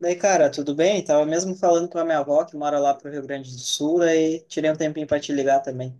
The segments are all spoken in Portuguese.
Daí, cara, tudo bem? Tava mesmo falando com a minha avó, que mora lá pro Rio Grande do Sul, aí tirei um tempinho para te ligar também.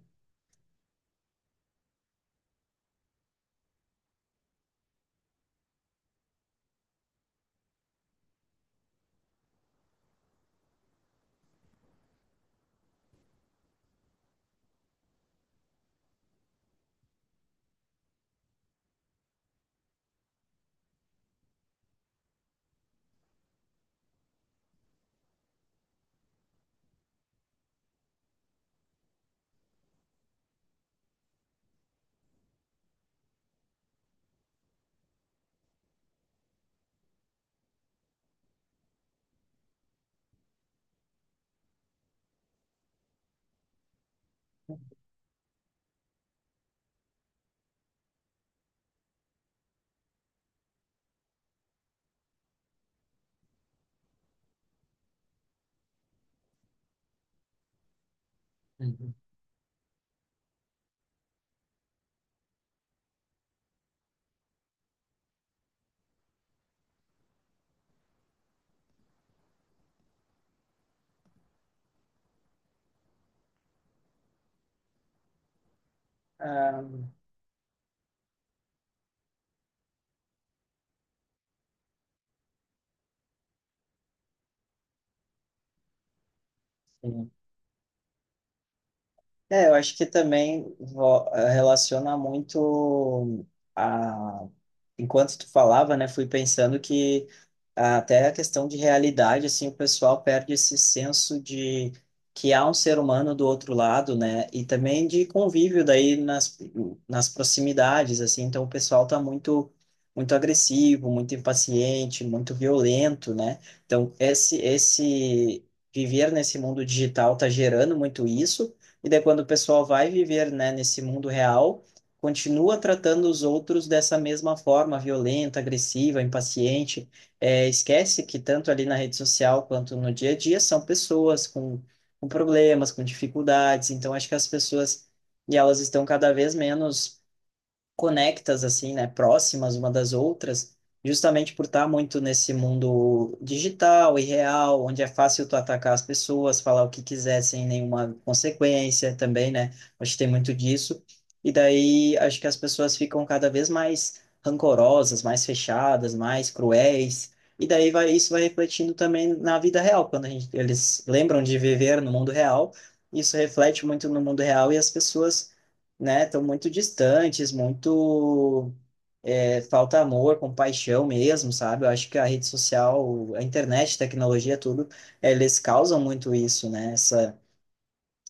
Uhum. Ah, é, eu acho que também relaciona muito a... Enquanto tu falava, né, fui pensando que até a questão de realidade, assim, o pessoal perde esse senso de que há um ser humano do outro lado, né, e também de convívio daí nas proximidades, assim, então o pessoal tá muito agressivo, muito impaciente, muito violento, né, então esse viver nesse mundo digital tá gerando muito isso, e daí quando o pessoal vai viver, né, nesse mundo real, continua tratando os outros dessa mesma forma, violenta, agressiva, impaciente. É, esquece que tanto ali na rede social quanto no dia a dia são pessoas com problemas, com dificuldades. Então acho que as pessoas e elas estão cada vez menos conectas assim, né, próximas uma das outras, justamente por estar muito nesse mundo digital e real, onde é fácil tu atacar as pessoas, falar o que quiser sem nenhuma consequência também, né? Acho que tem muito disso. E daí acho que as pessoas ficam cada vez mais rancorosas, mais fechadas, mais cruéis. E daí vai, isso vai refletindo também na vida real, quando a gente, eles lembram de viver no mundo real, isso reflete muito no mundo real e as pessoas, né, estão muito distantes, muito, é, falta amor, compaixão mesmo, sabe? Eu acho que a rede social, a internet, tecnologia, tudo, eles causam muito isso, né?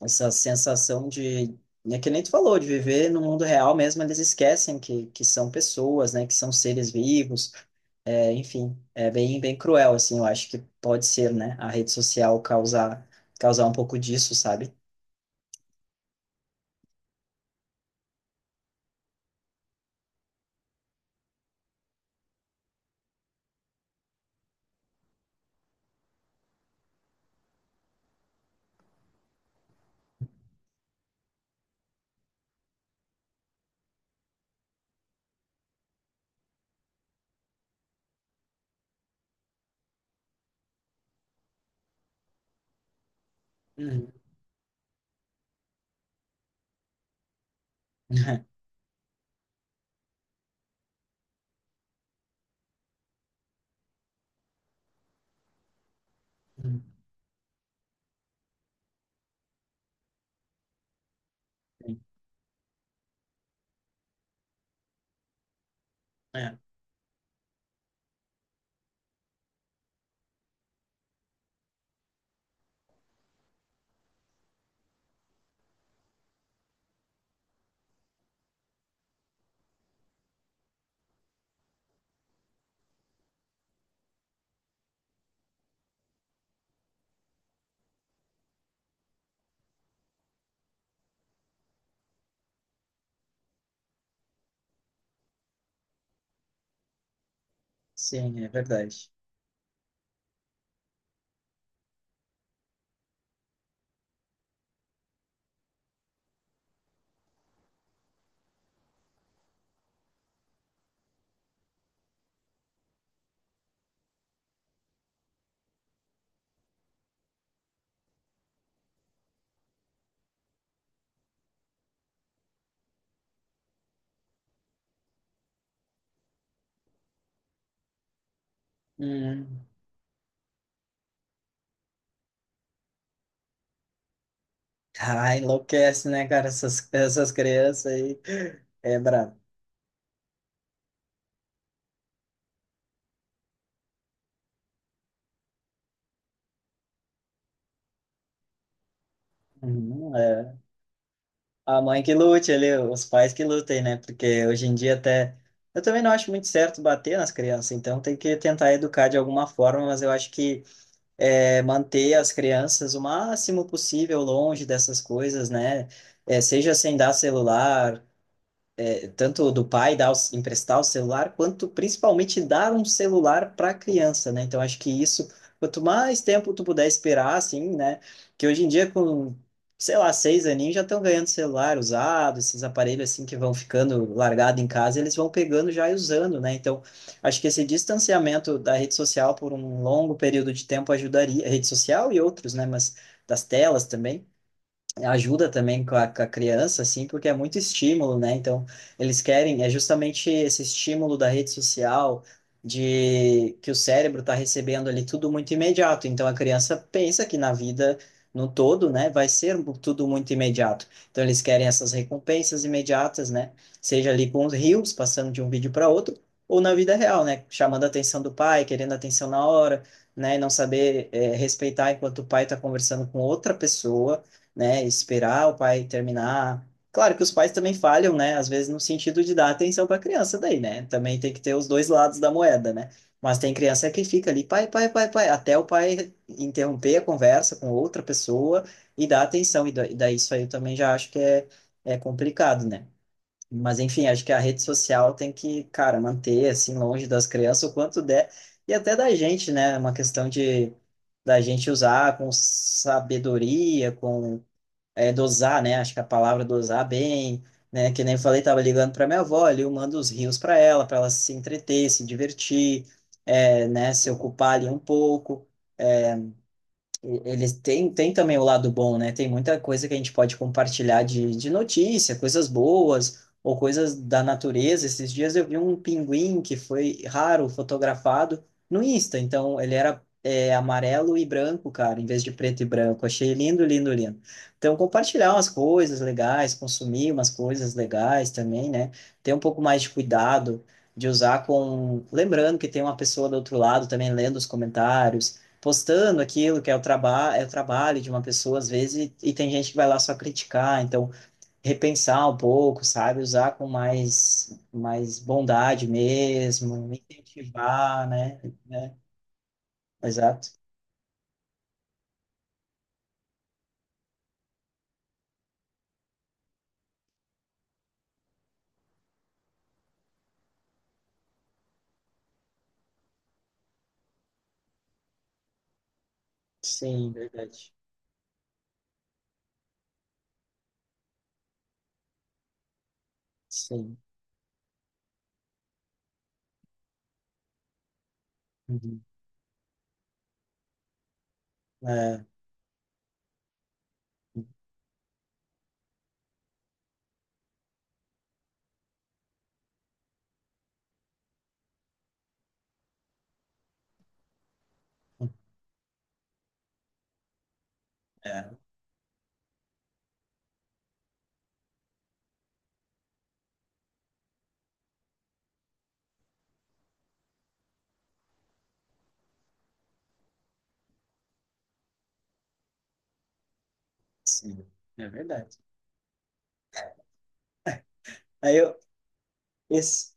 Essa sensação de, é que nem tu falou, de viver no mundo real mesmo, eles esquecem que são pessoas, né? Que são seres vivos, é, enfim, é bem, bem cruel, assim, eu acho que pode ser, né? A rede social causar um pouco disso, sabe? Uhum. É, sim, é verdade. Hum. Ah, enlouquece, né, cara? Essas crianças aí. É brabo. Uhum, é. A mãe que lute ali, os pais que lutem, né? Porque hoje em dia até. Eu também não acho muito certo bater nas crianças, então tem que tentar educar de alguma forma, mas eu acho que é, manter as crianças o máximo possível longe dessas coisas, né? É, seja sem dar celular, é, tanto do pai dar, emprestar o celular, quanto principalmente dar um celular para a criança, né? Então acho que isso, quanto mais tempo tu puder esperar, assim, né? Que hoje em dia com, sei lá, seis aninhos já estão ganhando celular usado, esses aparelhos assim que vão ficando largado em casa, eles vão pegando já e usando, né? Então acho que esse distanciamento da rede social por um longo período de tempo ajudaria, a rede social e outros, né? Mas das telas também ajuda também com com a criança, assim, porque é muito estímulo, né? Então, eles querem, é justamente esse estímulo da rede social, de que o cérebro está recebendo ali tudo muito imediato. Então, a criança pensa que na vida no todo, né, vai ser um, tudo muito imediato. Então, eles querem essas recompensas imediatas, né? Seja ali com os reels, passando de um vídeo para outro, ou na vida real, né? Chamando a atenção do pai, querendo atenção na hora. Né, e não saber respeitar enquanto o pai está conversando com outra pessoa, né? Esperar o pai terminar. Claro que os pais também falham, né? Às vezes no sentido de dar atenção para a criança daí, né? Também tem que ter os dois lados da moeda, né? Mas tem criança que fica ali, pai, pai, pai, pai, até o pai interromper a conversa com outra pessoa e dar atenção. E daí isso aí eu também já acho que é, é complicado, né? Mas enfim, acho que a rede social tem que, cara, manter assim longe das crianças o quanto der e até da gente, né? É uma questão de da gente usar com sabedoria, com é, dosar, né? Acho que a palavra dosar bem, né? Que nem eu falei, tava ligando para minha avó ali, eu mando os rios para ela se entreter, se divertir, é, né? Se ocupar ali um pouco. Eles têm também o lado bom, né? Tem muita coisa que a gente pode compartilhar de notícia, coisas boas ou coisas da natureza. Esses dias eu vi um pinguim que foi raro fotografado no Insta, então ele era é, amarelo e branco, cara, em vez de preto e branco. Achei lindo, lindo, lindo. Então, compartilhar umas coisas legais, consumir umas coisas legais também, né? Ter um pouco mais de cuidado de usar com. Lembrando que tem uma pessoa do outro lado também lendo os comentários postando aquilo que é o, traba é o trabalho de uma pessoa, às vezes, e tem gente que vai lá só criticar, então repensar um pouco, sabe? Usar com mais bondade mesmo, incentivar, né? Né? Exato. Sim, verdade. Sim. Uhum. É, é, sim, é verdade. Aí eu, esse,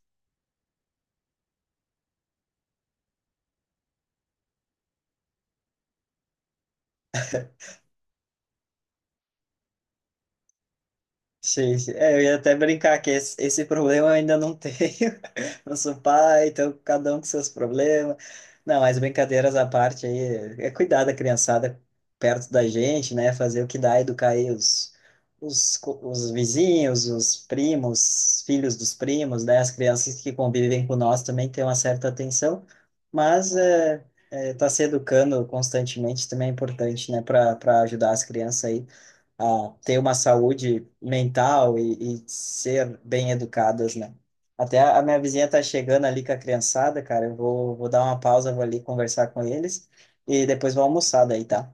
sim, sim. É, eu ia até brincar que esse problema eu ainda não tenho. Não sou pai, então cada um com seus problemas. Não, mas brincadeiras à parte aí, é cuidar da criançada perto da gente, né? Fazer o que dá, educar aí os vizinhos, os primos, filhos dos primos, né? As crianças que convivem com nós também têm uma certa atenção, mas é, é, tá se educando constantemente também é importante, né? Para para ajudar as crianças aí a ter uma saúde mental e ser bem educadas, né? Até a minha vizinha tá chegando ali com a criançada, cara. Eu vou dar uma pausa, vou ali conversar com eles e depois vou almoçar daí, tá?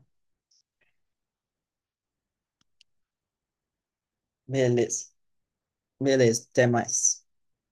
Beleza. Beleza, até mais.